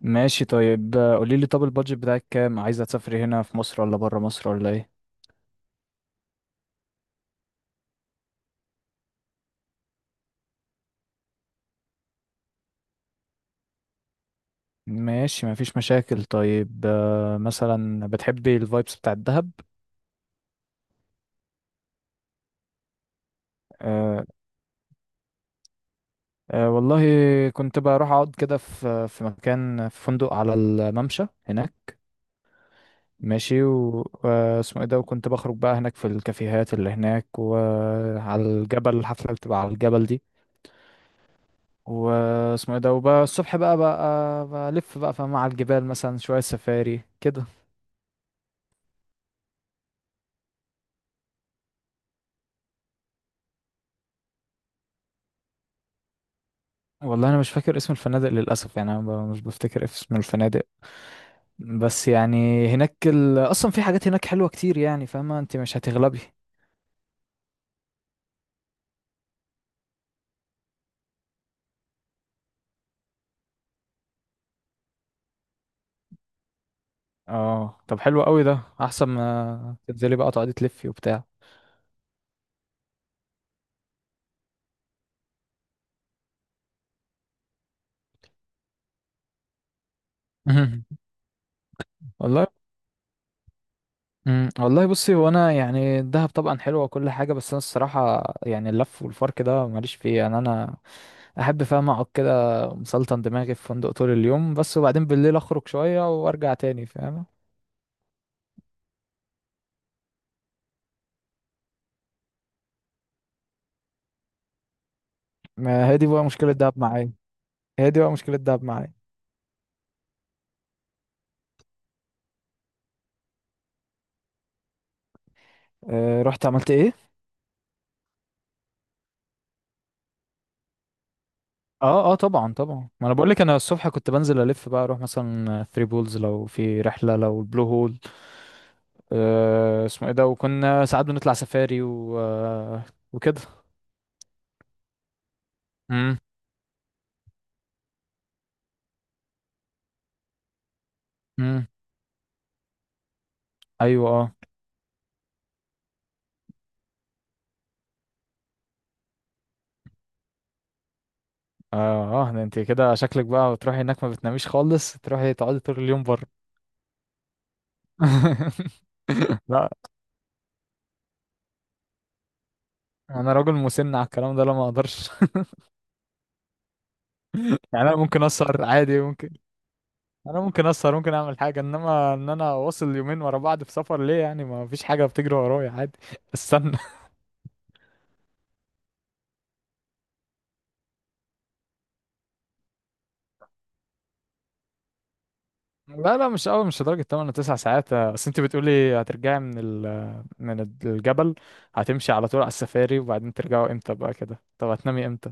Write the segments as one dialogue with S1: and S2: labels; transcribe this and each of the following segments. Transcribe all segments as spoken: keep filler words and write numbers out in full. S1: ماشي، طيب. قولي لي، طب البادجت بتاعك كام؟ عايزة تسافري هنا في مصر ولا برا مصر ولا ايه؟ ماشي، مفيش مشاكل. طيب آه، مثلا بتحبي الفايبس بتاع الدهب. آه، آه، والله كنت بروح اقعد كده في في مكان في فندق على الممشى هناك. ماشي و- واسمه ايه ده، وكنت بخرج بقى هناك في الكافيهات اللي هناك وعلى الجبل، الحفلة اللي بتبقى على الجبل دي. واسمه ايه ده، وبقى الصبح بقى بقى بلف بقى، فاهمة؟ على الجبال مثلا شوية سفاري كده. والله انا مش فاكر اسم الفنادق للاسف، يعني انا ب- مش بفتكر اسم الفنادق. بس يعني هناك ال... اصلا في حاجات هناك حلوه كتير يعني، فاهمه؟ انت مش هتغلبي. اه طب حلو قوي ده، احسن ما تنزلي بقى تقعدي تلفي وبتاع. مهم. والله. مم. والله بصي، هو انا يعني الدهب طبعا حلوه وكل حاجه، بس انا الصراحه يعني اللف والفرك ده ماليش فيه، يعني انا احب، فاهم، اقعد كده مسلطن دماغي في فندق طول اليوم بس، وبعدين بالليل اخرج شويه وارجع تاني، فاهمه؟ ما هي دي بقى مشكله الدهب معايا. هي دي بقى مشكلة دهب معايا. أه، رحت عملت ايه؟ اه اه طبعا طبعا، ما انا بقول لك، انا الصبح كنت بنزل الف بقى اروح مثلا ثري بولز لو في رحلة، لو البلو هول. أه اسمه ايه ده، وكنا ساعات بنطلع سفاري و آه، وكده. امم. امم. ايوه اه. اه اه ده انت كده شكلك بقى بتروحي هناك ما بتناميش خالص، تروحي تقعدي طول اليوم بره. لا، انا راجل مسن على الكلام ده، لا ما اقدرش. يعني انا ممكن اسهر عادي، ممكن. انا ممكن اسهر، ممكن اعمل حاجه، انما ان انا واصل يومين ورا بعض في سفر، ليه؟ يعني ما فيش حاجه بتجري ورايا، عادي. استنى. لا لا مش قوي، مش لدرجه تمانية تسعة ساعات. بس انت بتقولي هترجعي من ال... من الجبل، هتمشي على طول على السفاري وبعدين ترجعوا امتى بقى كده؟ طب هتنامي امتى؟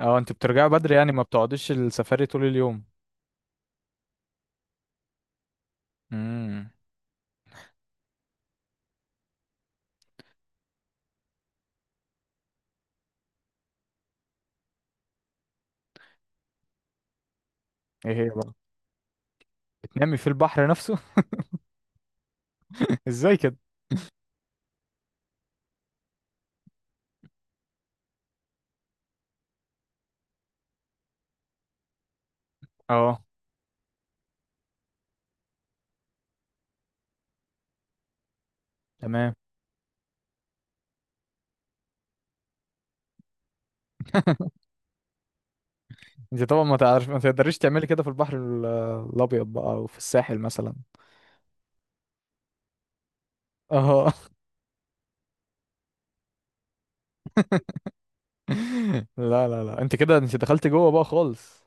S1: اه انت بترجعوا بدري يعني، ما بتقعديش السفاري طول اليوم؟ امم. ايه هي بقى؟ بتنامي في البحر نفسه؟ ازاي كده؟ اه. تمام. انت طبعا ما تعرف، ما تقدريش تعملي كده في البحر ال- الابيض بقى او في الساحل مثلا. اه. لا لا لا انت كده، انت دخلت جوه بقى خالص.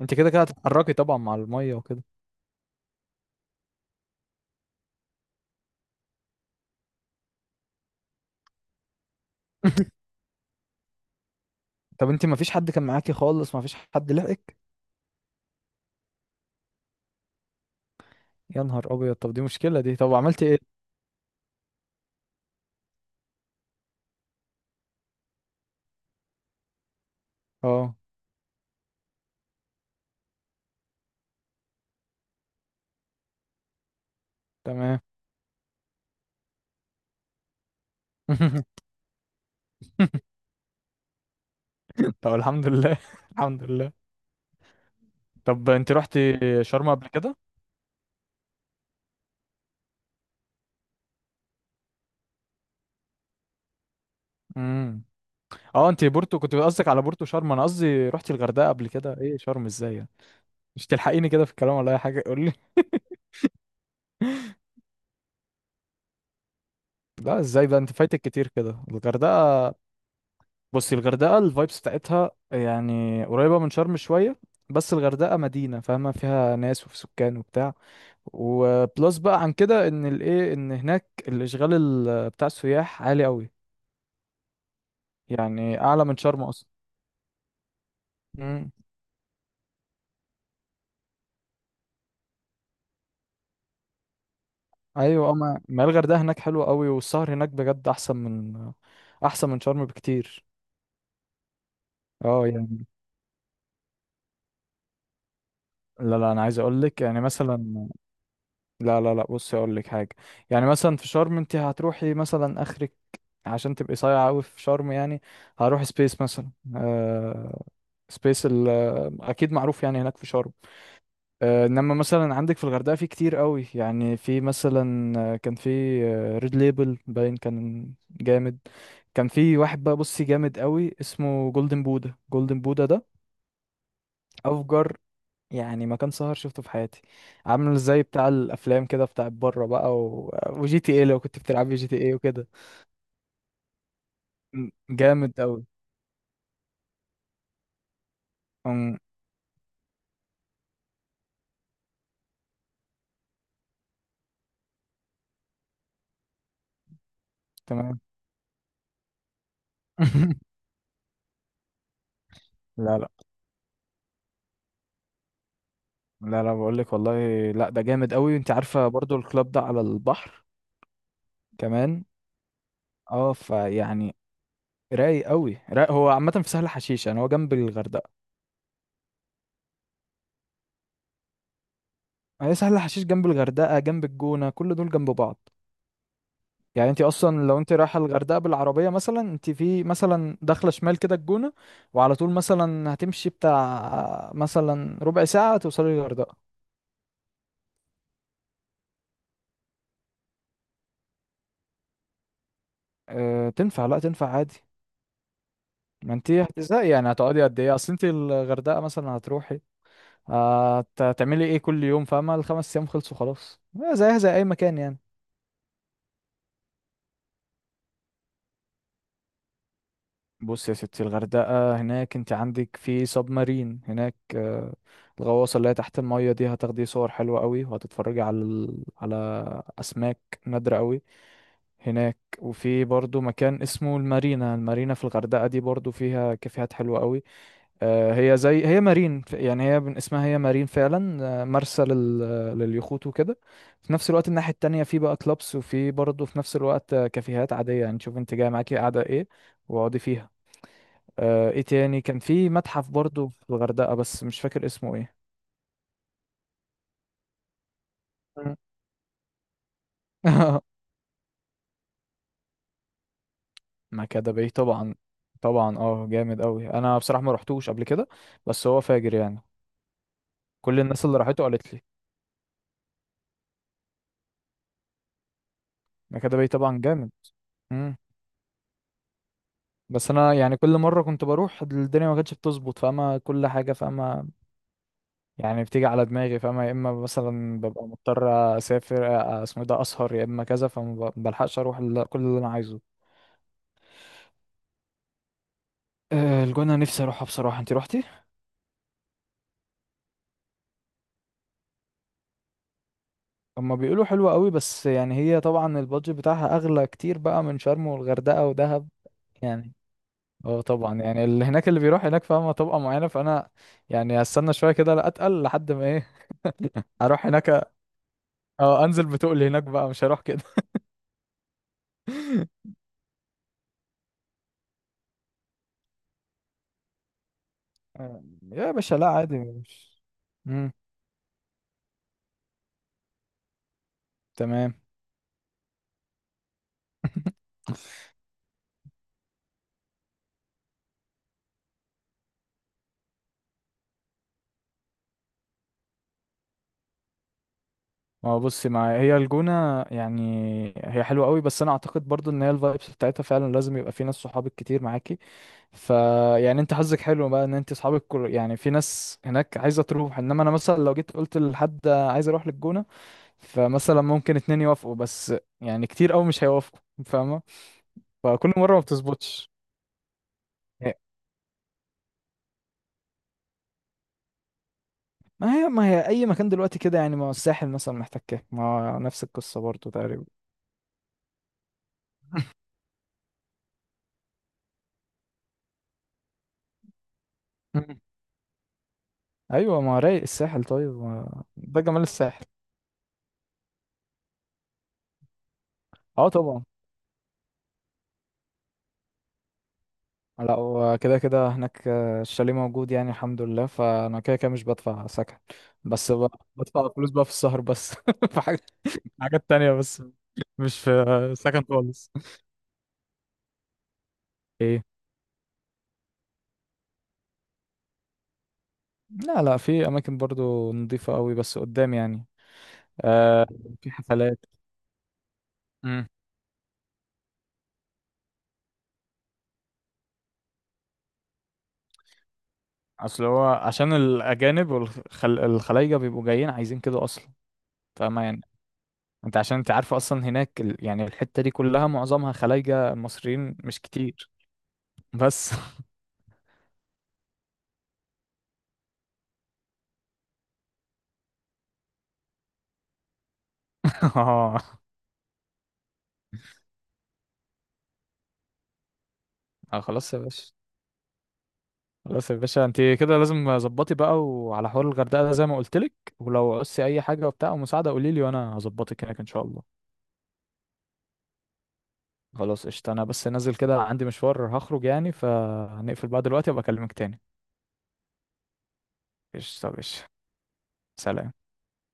S1: انت كده كده هتتحركي طبعا مع الميه وكده. طب انت ما فيش حد كان معاكي خالص؟ ما فيش حد لحقك؟ يا نهار ابيض، طب دي مشكله دي، طب عملتي ايه؟ اه. تمام. طب الحمد لله. الحمد لله. طب انت رحتي شرم قبل كده؟ امم. اه انت بورتو كنت قصدك؟ على بورتو شرم؟ انا قصدي رحتي الغردقه قبل كده، ايه شرم ازاي يعني؟ مش تلحقيني كده في الكلام ولا اي حاجه، قولي. لا ازاي بقى انت فايتك كتير كده الغردقه؟ بصي الغردقة الفايبس بتاعتها يعني قريبة من شرم شوية، بس الغردقة مدينة، فاهمة؟ فيها ناس وفي سكان وبتاع. وبلس بقى عن كده ان الايه، ان هناك الاشغال ال- بتاع السياح عالي قوي، يعني اعلى من شرم اصلا. امم. ايوه اما ما الغردقة هناك حلوة قوي، والسهر هناك بجد احسن من، احسن من شرم بكتير. اه يعني، لا لا انا عايز اقول لك يعني مثلا، لا لا لا بصي اقول لك حاجه. يعني مثلا في شرم انت هتروحي مثلا اخرك، عشان تبقي صايعه قوي في شرم يعني، هروح سبيس مثلا. آه سبيس ال- آه، اكيد معروف يعني هناك في شرم. آه انما مثلا عندك في الغردقه في كتير قوي، يعني في مثلا آه، كان في ريد ليبل، باين كان جامد. كان في واحد بقى، بصي، جامد قوي اسمه جولدن بودا. جولدن بودا ده افجر يعني مكان سهر شفته في حياتي. عامل زي بتاع الافلام كده بتاع بره بقى و... وجي تي ايه، لو كنت بتلعب جي تي ايه وكده. م- جامد قوي. تمام. لا لا، لا لا بقول لك والله، لا ده جامد قوي. انت عارفه برضو الكلاب ده على البحر كمان. اه فيعني رايق قوي رايق، هو عامه في سهل حشيش يعني، هو جنب الغردقه. هي سهل حشيش جنب الغردقه، جنب الجونه، كل دول جنب بعض. يعني انت اصلا لو انت رايحه الغردقه بالعربيه مثلا، انت في مثلا داخله شمال كده الجونه وعلى طول، مثلا هتمشي بتاع مثلا ربع ساعه توصلي الغردقه. اه تنفع، لا تنفع عادي. ما انت هتزهقي يعني، هتقعدي قد ايه؟ اصل انت الغردقه مثلا هتروحي هتعملي ايه كل يوم، فاهمه؟ الخمس ايام خلصوا خلاص، اه زيها زي اي مكان يعني. بص يا ستي، الغردقة هناك انت عندك في سب مارين هناك، آه، الغواصة اللي هي تحت المية دي، هتاخدي صور حلوة قوي، وهتتفرجي على ال... على أسماك نادرة قوي هناك. وفي برضو مكان اسمه المارينا. المارينا في الغردقة دي برضو فيها كافيهات حلوة قوي. آه، هي زي هي مارين يعني، هي من اسمها هي مارين فعلا، آه، مرسى لل... لليخوت وكده. في نفس الوقت الناحية التانية في بقى كلابس، وفي برضو في نفس الوقت آه، كافيهات عادية يعني، شوف انت جاي معاكي قاعدة ايه، واقعدي فيها. آه، ايه تاني؟ كان في متحف برضو في الغردقة بس مش فاكر اسمه ايه. مم. مكادة باي طبعا. طبعا اه، جامد قوي. انا بصراحة ما رحتوش قبل كده بس هو فاجر يعني. كل الناس اللي راحته قالت لي مكادة باي طبعا جامد. مم. بس انا يعني كل مرة كنت بروح الدنيا ما كانتش بتظبط، فاما كل حاجة، فاما يعني بتيجي على دماغي، فاما يا اما مثلا ببقى مضطر اسافر آه، اسمه إيه ده اسهر، يا اما كذا، فما ب- بلحقش اروح ال- كل اللي انا عايزه. آه، الجونة نفسي اروحها بصراحة، انت روحتي؟ هما بيقولوا حلوة قوي، بس يعني هي طبعا البادجت بتاعها اغلى كتير بقى من شرم والغردقة ودهب يعني. اه طبعا يعني اللي هناك، اللي بيروح هناك فاهمة طبقة معينة، فانا يعني هستنى شوية كده، لا اتقل لحد ما ايه، اروح هناك. أ- اه انزل بتقل هناك بقى، مش هروح كده. آه، يا باشا لا عادي، مش، امم، تمام. ما هو بصي معايا هي الجونة يعني، هي حلوة قوي بس انا اعتقد برضو ان هي الفايبس بتاعتها فعلا لازم يبقى في ناس صحابك كتير معاكي، فيعني انت حظك حلو بقى ان انت اصحابك، كل يعني في ناس هناك عايزه تروح. انما انا مثلا لو جيت قلت لحد عايز اروح للجونه، فمثلا ممكن اتنين يوافقوا بس، يعني كتير قوي مش هيوافقوا، فاهمه؟ فكل مره ما بتظبطش. هي- ما هي، ما هي اي مكان دلوقتي كده يعني، ما هو الساحل مثلا محتاج كده، ما هو نفس القصه برضو تقريبا. مم. ايوه ما هو رايق الساحل طيب، ما ده جمال الساحل. اه طبعا. لا وكده كده هناك الشاليه موجود يعني، الحمد لله، فانا كده كده مش بدفع سكن. بس ب- بدفع فلوس بقى في السهر بس. في حاجة- حاجات تانية بس. مش في سكن خالص. ايه؟ لا لا في اماكن برضو نظيفة قوي بس قدام يعني. آه، في حفلات. امم. اصل هو عشان الاجانب والخلايجة بيبقوا جايين عايزين كده اصلا، فاهمة يعني؟ انت عشان انت عارفة اصلا هناك ال- يعني الحتة دي كلها معظمها خلايجة، مصريين مش كتير بس. اه. اه خلاص يا باشا، خلاص يا باشا، انت كده لازم ظبطي بقى وعلى حوار الغردقه ده زي ما قلت لك. ولو عوزتي اي حاجه وبتاع ومساعده قولي لي وانا هظبطك هناك ان شاء الله. خلاص قشطه، انا بس نازل كده عندي مشوار هخرج يعني، فهنقفل بقى دلوقتي، وابقى اكلمك تاني. قشطه يا باشا. سلام.